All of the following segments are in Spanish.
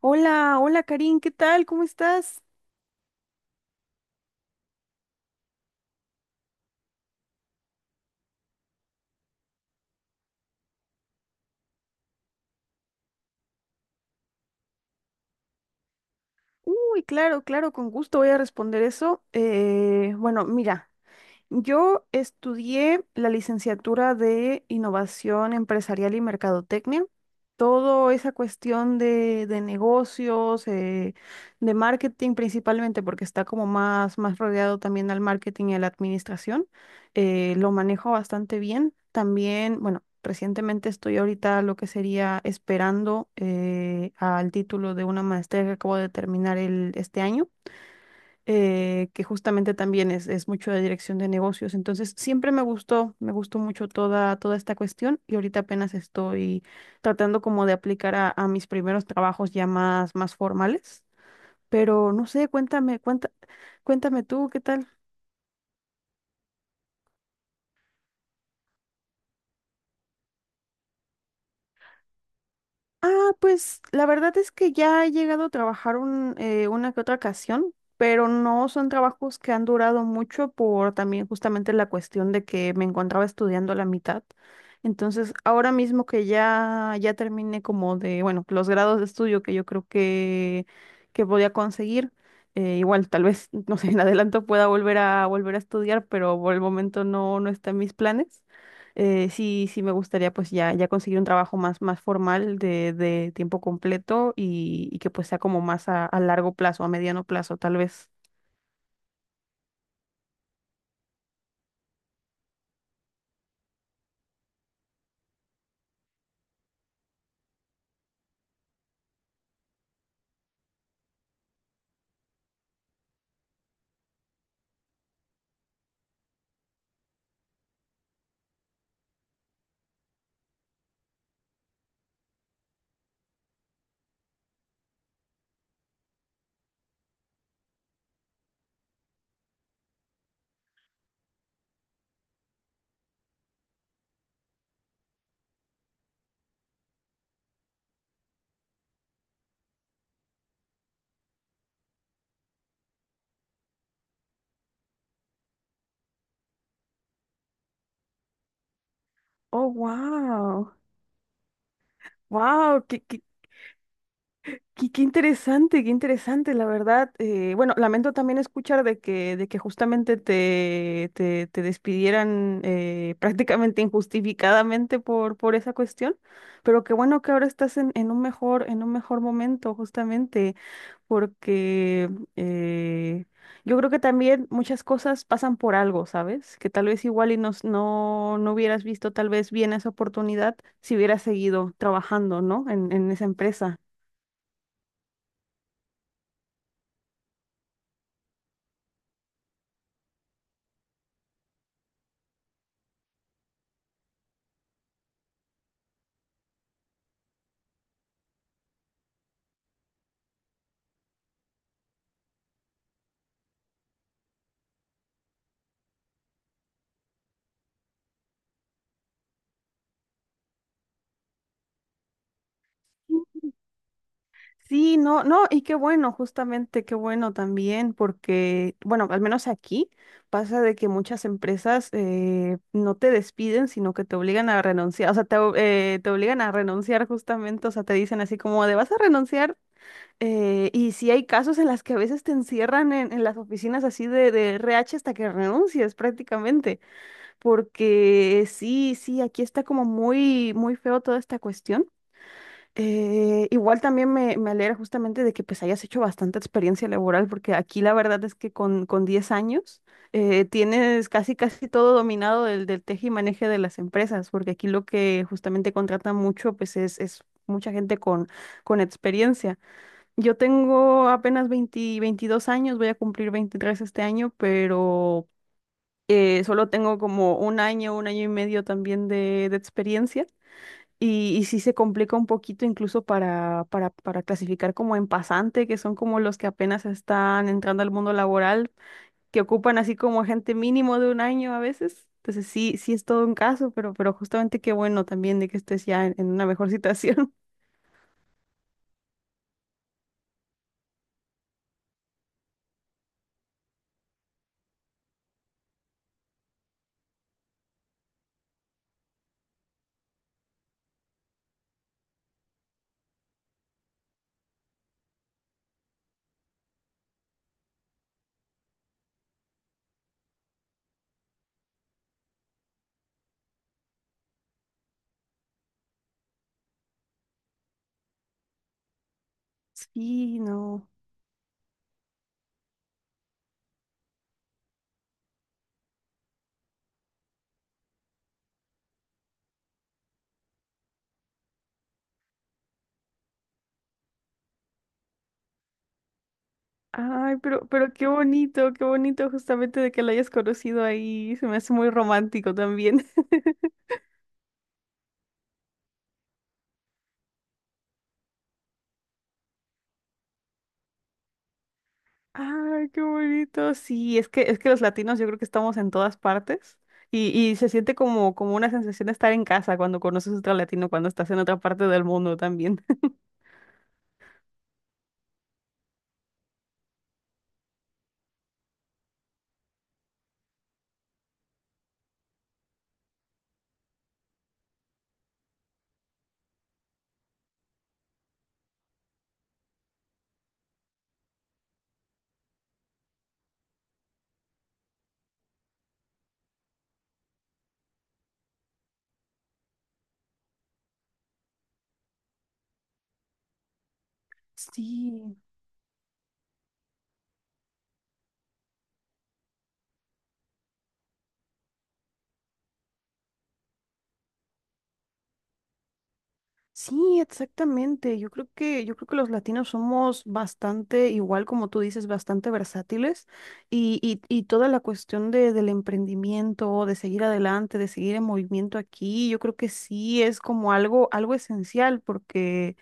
Hola, hola Karin, ¿qué tal? ¿Cómo estás? Uy, claro, claro, con gusto voy a responder eso. Bueno, mira. Yo estudié la licenciatura de Innovación Empresarial y Mercadotecnia. Toda esa cuestión de negocios, de marketing principalmente, porque está como más, más rodeado también al marketing y a la administración, lo manejo bastante bien. También, bueno, recientemente estoy ahorita lo que sería esperando al título de una maestría que acabo de terminar el, este año que justamente también es mucho de dirección de negocios. Entonces, siempre me gustó mucho toda, toda esta cuestión y ahorita apenas estoy tratando como de aplicar a mis primeros trabajos ya más, más formales. Pero no sé, cuéntame, cuenta, cuéntame tú, ¿qué tal? Ah, pues la verdad es que ya he llegado a trabajar una que otra ocasión, pero no son trabajos que han durado mucho por también justamente la cuestión de que me encontraba estudiando a la mitad. Entonces, ahora mismo que ya, ya terminé como de, bueno, los grados de estudio que yo creo que voy a conseguir, igual tal vez, no sé, en adelanto pueda volver a estudiar, pero por el momento no, no está en mis planes. Sí, sí me gustaría pues ya, ya conseguir un trabajo más, más formal de tiempo completo y que pues sea como más a largo plazo, a mediano plazo tal vez. Oh, wow. Wow, qué, qué interesante, la verdad. Bueno, lamento también escuchar de de que justamente te, te, te despidieran prácticamente injustificadamente por esa cuestión, pero qué bueno que ahora estás en un mejor momento, justamente, porque eh, yo creo que también muchas cosas pasan por algo, ¿sabes? Que tal vez igual y nos, no, no hubieras visto tal vez bien esa oportunidad si hubieras seguido trabajando, ¿no? En esa empresa. Sí, no, no, y qué bueno, justamente, qué bueno también, porque, bueno, al menos aquí pasa de que muchas empresas no te despiden, sino que te obligan a renunciar, o sea, te, o- te obligan a renunciar justamente, o sea, te dicen así como de vas a renunciar, y sí hay casos en las que a veces te encierran en las oficinas así de RR. HH. Hasta que renuncies prácticamente, porque sí, sí, aquí está como muy, muy feo toda esta cuestión. Igual también me alegra justamente de que pues hayas hecho bastante experiencia laboral, porque aquí la verdad es que con 10 años tienes casi casi todo dominado del, del teje y maneje de las empresas, porque aquí lo que justamente contratan mucho pues es mucha gente con experiencia. Yo tengo apenas 20 22 años, voy a cumplir 23 este año, pero solo tengo como un año y medio también de experiencia. Y sí se complica un poquito incluso para clasificar como en pasante, que son como los que apenas están entrando al mundo laboral, que ocupan así como gente mínimo de un año a veces. Entonces sí, sí es todo un caso, pero justamente qué bueno también de que estés ya en una mejor situación. Sí, no. Ay, pero qué bonito justamente de que lo hayas conocido ahí. Se me hace muy romántico también. Ay, qué bonito. Sí, es que los latinos yo creo que estamos en todas partes y se siente como, como una sensación de estar en casa cuando conoces otro latino, cuando estás en otra parte del mundo también. Sí, sí, exactamente. Yo creo que los latinos somos bastante, igual como tú dices, bastante versátiles y toda la cuestión del emprendimiento, de seguir adelante, de seguir en movimiento aquí, yo creo que sí es como algo, algo esencial porque...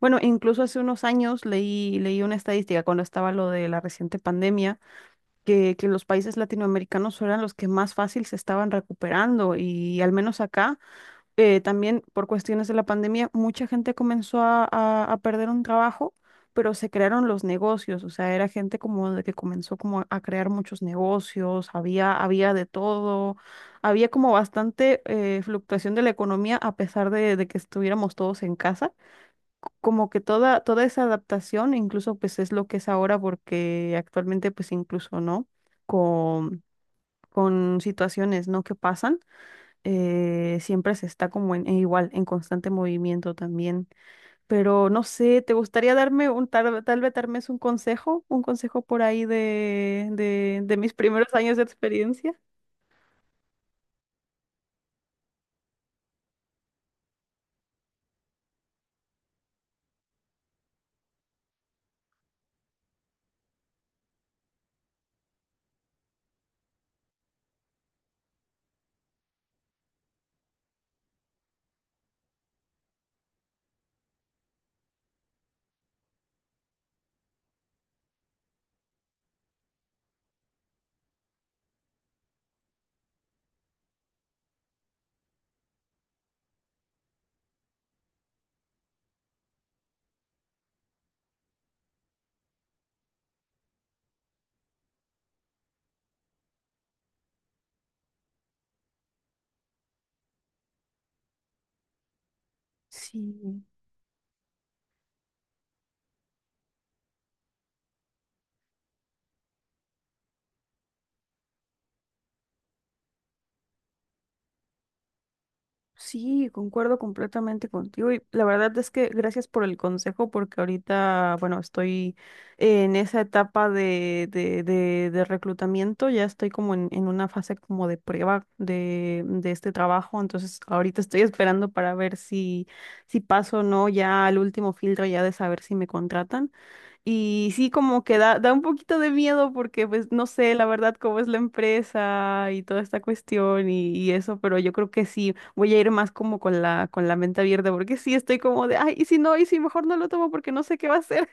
Bueno, incluso hace unos años leí, leí una estadística cuando estaba lo de la reciente pandemia, que los países latinoamericanos eran los que más fácil se estaban recuperando y al menos acá, también por cuestiones de la pandemia, mucha gente comenzó a perder un trabajo, pero se crearon los negocios, o sea, era gente como de que comenzó como a crear muchos negocios, había, había de todo, había como bastante fluctuación de la economía a pesar de que estuviéramos todos en casa como que toda, toda esa adaptación, incluso pues es lo que es ahora, porque actualmente pues incluso, ¿no? Con, con situaciones, ¿no? Que pasan, siempre se está como en igual, en constante movimiento también. Pero no sé, ¿te gustaría darme un, tal, tal vez darme un consejo por ahí de mis primeros años de experiencia? Sí. Sí, concuerdo completamente contigo y la verdad es que gracias por el consejo porque ahorita, bueno, estoy en esa etapa de reclutamiento, ya estoy como en una fase como de prueba de este trabajo, entonces ahorita estoy esperando para ver si, si paso o no ya al último filtro ya de saber si me contratan. Y sí, como que da, da un poquito de miedo porque, pues, no sé, la verdad, cómo es la empresa y toda esta cuestión y eso, pero yo creo que sí, voy a ir más como con la mente abierta porque sí estoy como de, ay, y si no, y si mejor no lo tomo porque no sé qué va a ser.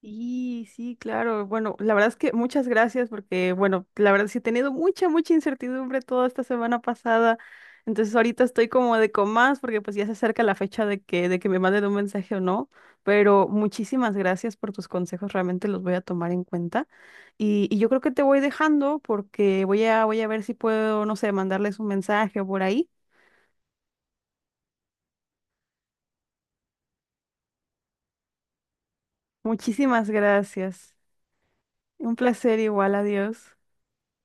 Sí, sí, claro. Bueno, la verdad es que muchas gracias porque, bueno, la verdad sí he tenido mucha, mucha incertidumbre toda esta semana pasada. Entonces ahorita estoy como de con más porque pues ya se acerca la fecha de que me manden un mensaje o no. Pero muchísimas gracias por tus consejos, realmente los voy a tomar en cuenta. Y yo creo que te voy dejando porque voy a, voy a ver si puedo, no sé, mandarles un mensaje o por ahí. Muchísimas gracias. Un placer igual, adiós.